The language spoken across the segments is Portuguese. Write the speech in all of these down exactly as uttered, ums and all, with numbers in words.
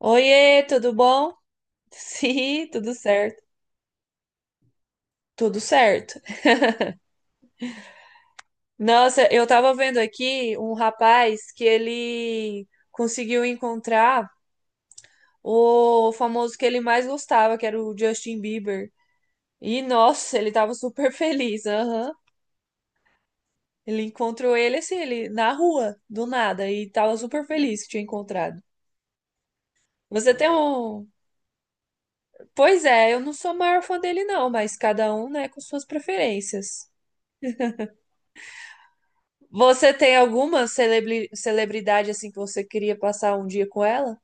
Oiê, tudo bom? Sim, tudo certo. Tudo certo. Nossa, eu tava vendo aqui um rapaz que ele conseguiu encontrar o famoso que ele mais gostava, que era o Justin Bieber. E nossa, ele tava super feliz. Aham. Ele encontrou ele assim, ele na rua, do nada, e tava super feliz que tinha encontrado. Você tem um. Pois é, eu não sou a maior fã dele, não, mas cada um, né, com suas preferências. Você tem alguma celebri- celebridade assim que você queria passar um dia com ela?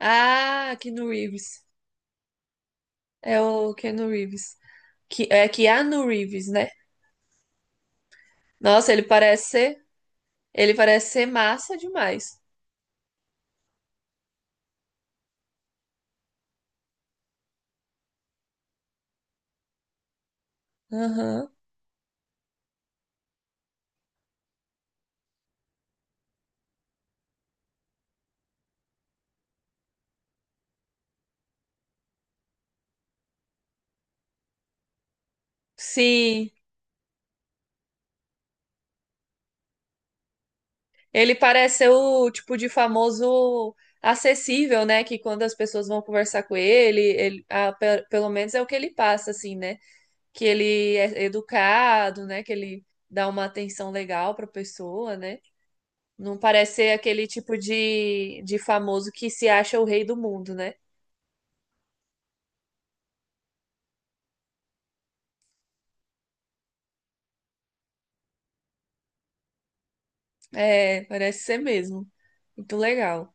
Ah, Keanu Reeves. É o Keanu Reeves. Que, é Keanu Reeves, né? Nossa, ele parece ser, ele parece ser massa demais. Aham. Sim, ele parece ser o tipo de famoso acessível, né? Que quando as pessoas vão conversar com ele, ele ah, pe- pelo menos é o que ele passa, assim, né? Que ele é educado, né? Que ele dá uma atenção legal para a pessoa, né? Não parece ser aquele tipo de, de famoso que se acha o rei do mundo, né? É, parece ser mesmo. Muito legal.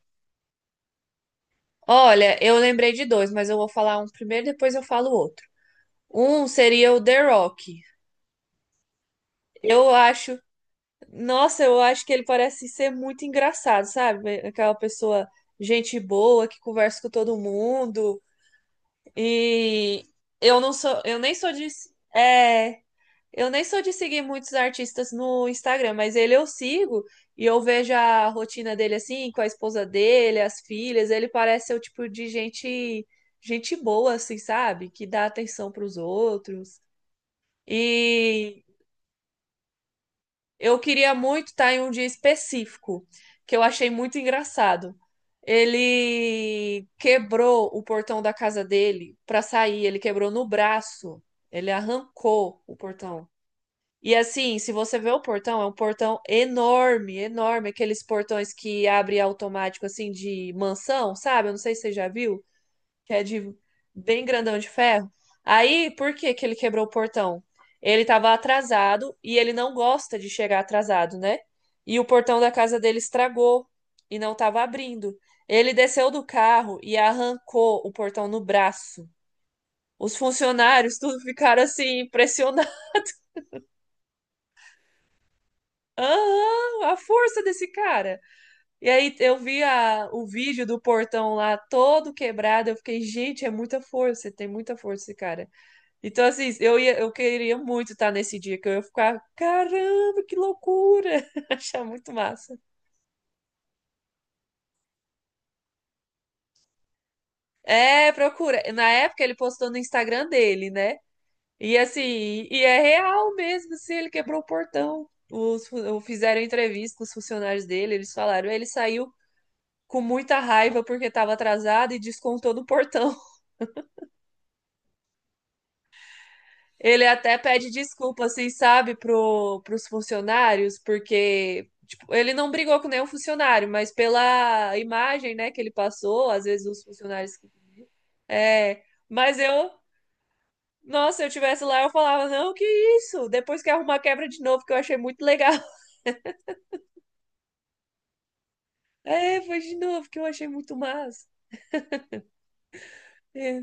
Olha, eu lembrei de dois, mas eu vou falar um primeiro, depois eu falo o outro. Um seria o The Rock. Eu acho, nossa, eu acho que ele parece ser muito engraçado, sabe? Aquela pessoa gente boa que conversa com todo mundo. E eu não sou, eu nem sou de, é, eu nem sou de seguir muitos artistas no Instagram, mas ele eu sigo e eu vejo a rotina dele assim, com a esposa dele, as filhas. Ele parece ser o tipo de gente, gente boa, assim, sabe? Que dá atenção para os outros. E eu queria muito estar em um dia específico, que eu achei muito engraçado. Ele quebrou o portão da casa dele para sair, ele quebrou no braço, ele arrancou o portão. E assim, se você vê o portão, é um portão enorme, enorme, aqueles portões que abre automático assim de mansão, sabe? Eu não sei se você já viu, que é de bem grandão de ferro. Aí, por que que ele quebrou o portão? Ele estava atrasado e ele não gosta de chegar atrasado, né? E o portão da casa dele estragou e não estava abrindo. Ele desceu do carro e arrancou o portão no braço. Os funcionários tudo ficaram assim. Aham, a força desse cara. E aí eu vi a, o vídeo do portão lá todo quebrado. Eu fiquei, gente, é muita força, tem muita força esse cara. Então, assim, eu ia, eu queria muito estar nesse dia, que eu ia ficar, caramba, que loucura! Achar muito massa. É, procura. Na época ele postou no Instagram dele, né? E assim, e é real mesmo, assim, ele quebrou o portão. Os, fu- fizeram entrevista com os funcionários dele, eles falaram, ele saiu com muita raiva porque estava atrasado e descontou no portão. Ele até pede desculpa, assim, sabe, pro, pros funcionários, porque tipo, ele não brigou com nenhum funcionário, mas pela imagem, né, que ele passou, às vezes os funcionários. É, mas eu. Nossa, se eu tivesse lá, eu falava, não, que isso? Depois que arrumar quebra de novo, que eu achei muito legal. É, foi de novo, que eu achei muito massa. É.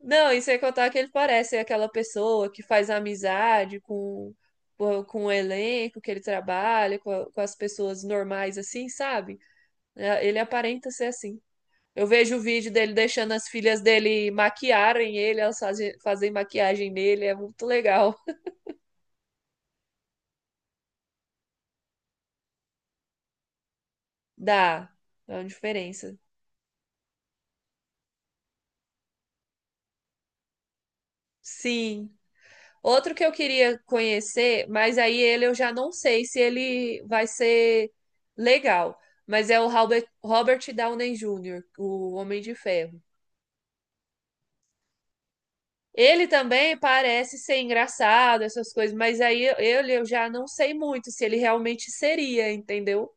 Não, e sem contar que ele parece é aquela pessoa que faz amizade com, com, com o elenco que ele trabalha, com, a- com as pessoas normais, assim, sabe? É, ele aparenta ser assim. Eu vejo o vídeo dele deixando as filhas dele maquiarem ele, elas fazem, fazem maquiagem nele, é muito legal. Dá, dá uma diferença. Sim. Outro que eu queria conhecer, mas aí ele eu já não sei se ele vai ser legal, mas é o Robert, Robert Downey júnior, o Homem de Ferro. Ele também parece ser engraçado, essas coisas, mas aí eu- ele eu já não sei muito se ele realmente seria, entendeu?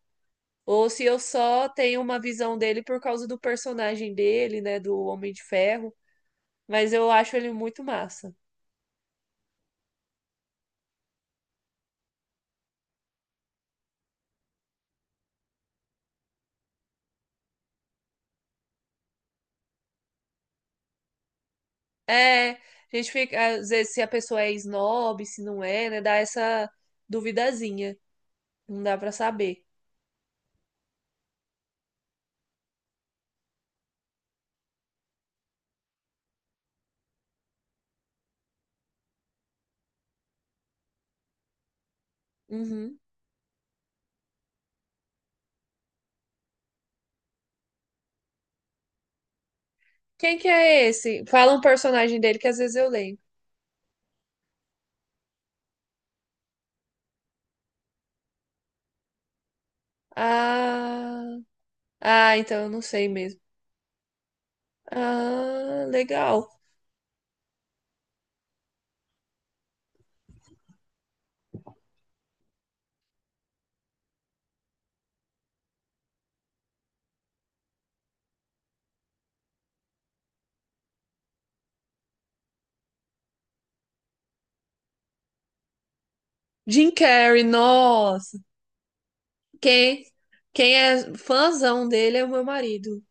Ou se eu só tenho uma visão dele por causa do personagem dele, né, do Homem de Ferro, mas eu acho ele muito massa. É, a gente fica, às vezes, se a pessoa é snob, se não é, né? Dá essa duvidazinha. Não dá pra saber. Uhum. Quem que é esse? Fala um personagem dele que às vezes eu lembro. Ah, ah, então eu não sei mesmo. Ah, legal. Jim Carrey, nossa. Quem, quem é fãzão dele é o meu marido.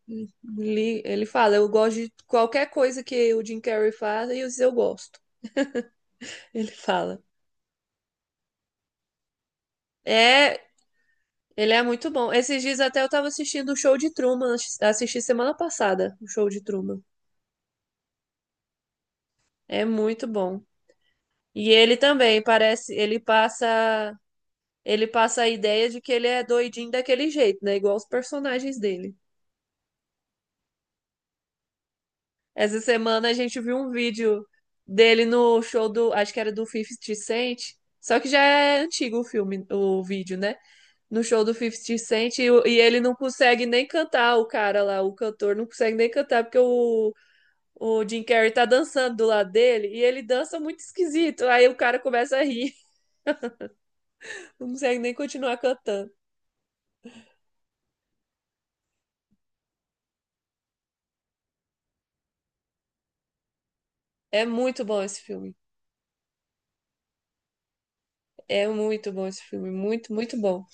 Ele, ele fala, eu gosto de qualquer coisa que o Jim Carrey faz e eu gosto. Ele fala. É, ele é muito bom. Esses dias até eu tava assistindo o show de Truman, assisti assisti semana passada, o show de Truman. É muito bom. E ele também parece, ele passa, ele passa a ideia de que ele é doidinho daquele jeito, né? Igual os personagens dele. Essa semana a gente viu um vídeo dele no show do, acho que era do Fifty Cent, só que já é antigo o filme, o vídeo, né? No show do Fifty Cent e, o- e ele não consegue nem cantar, o cara lá, o cantor não consegue nem cantar porque o o Jim Carrey tá dançando do lado dele e ele dança muito esquisito. Aí o cara começa a rir, não consegue nem continuar cantando. É muito bom esse filme. É muito bom esse filme, muito, muito bom.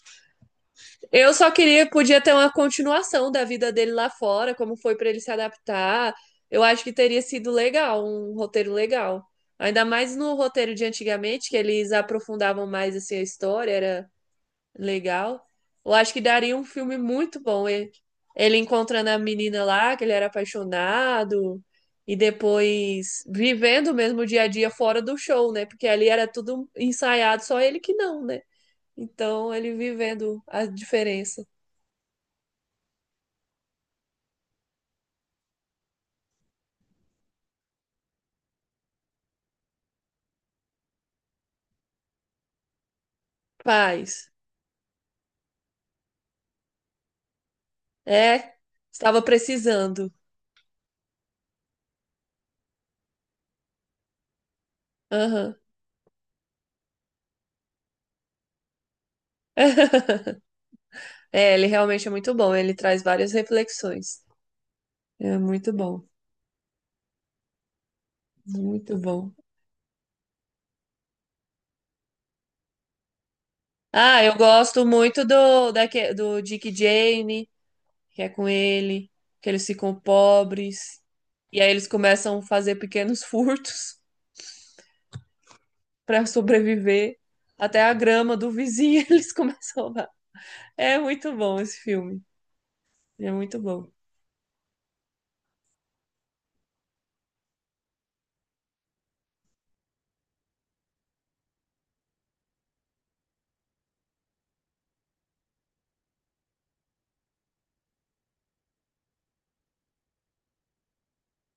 Eu só queria, podia ter uma continuação da vida dele lá fora, como foi pra ele se adaptar. Eu acho que teria sido legal, um roteiro legal. Ainda mais no roteiro de antigamente, que eles aprofundavam mais assim a história, era legal. Eu acho que daria um filme muito bom. Ele, ele encontrando a menina lá, que ele era apaixonado, e depois vivendo mesmo o dia a dia fora do show, né? Porque ali era tudo ensaiado, só ele que não, né? Então ele vivendo a diferença. Paz. É, estava precisando. Aham. É, ele realmente é muito bom. Ele traz várias reflexões. É muito bom, muito bom. Ah, eu gosto muito do, daque do Dick e Jane, que é com ele, que eles ficam pobres, e aí eles começam a fazer pequenos furtos para sobreviver. Até a grama do vizinho eles começam a roubar. É muito bom esse filme. É muito bom.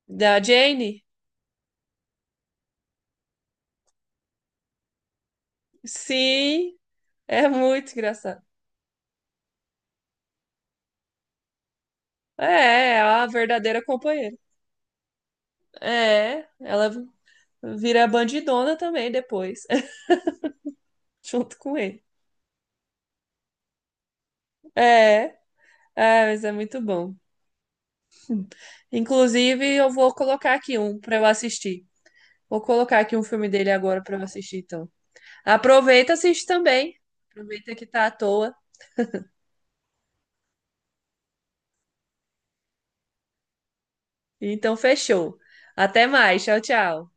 Da Jane? Sim, é muito engraçado. É, é a verdadeira companheira. É, ela vira bandidona também depois, junto com ele. É, é, mas é muito bom. Inclusive, eu vou colocar aqui um para eu assistir. Vou colocar aqui um filme dele agora para eu assistir, então. Aproveita, e assiste também. Aproveita que tá à toa. Então, fechou. Até mais. Tchau, tchau.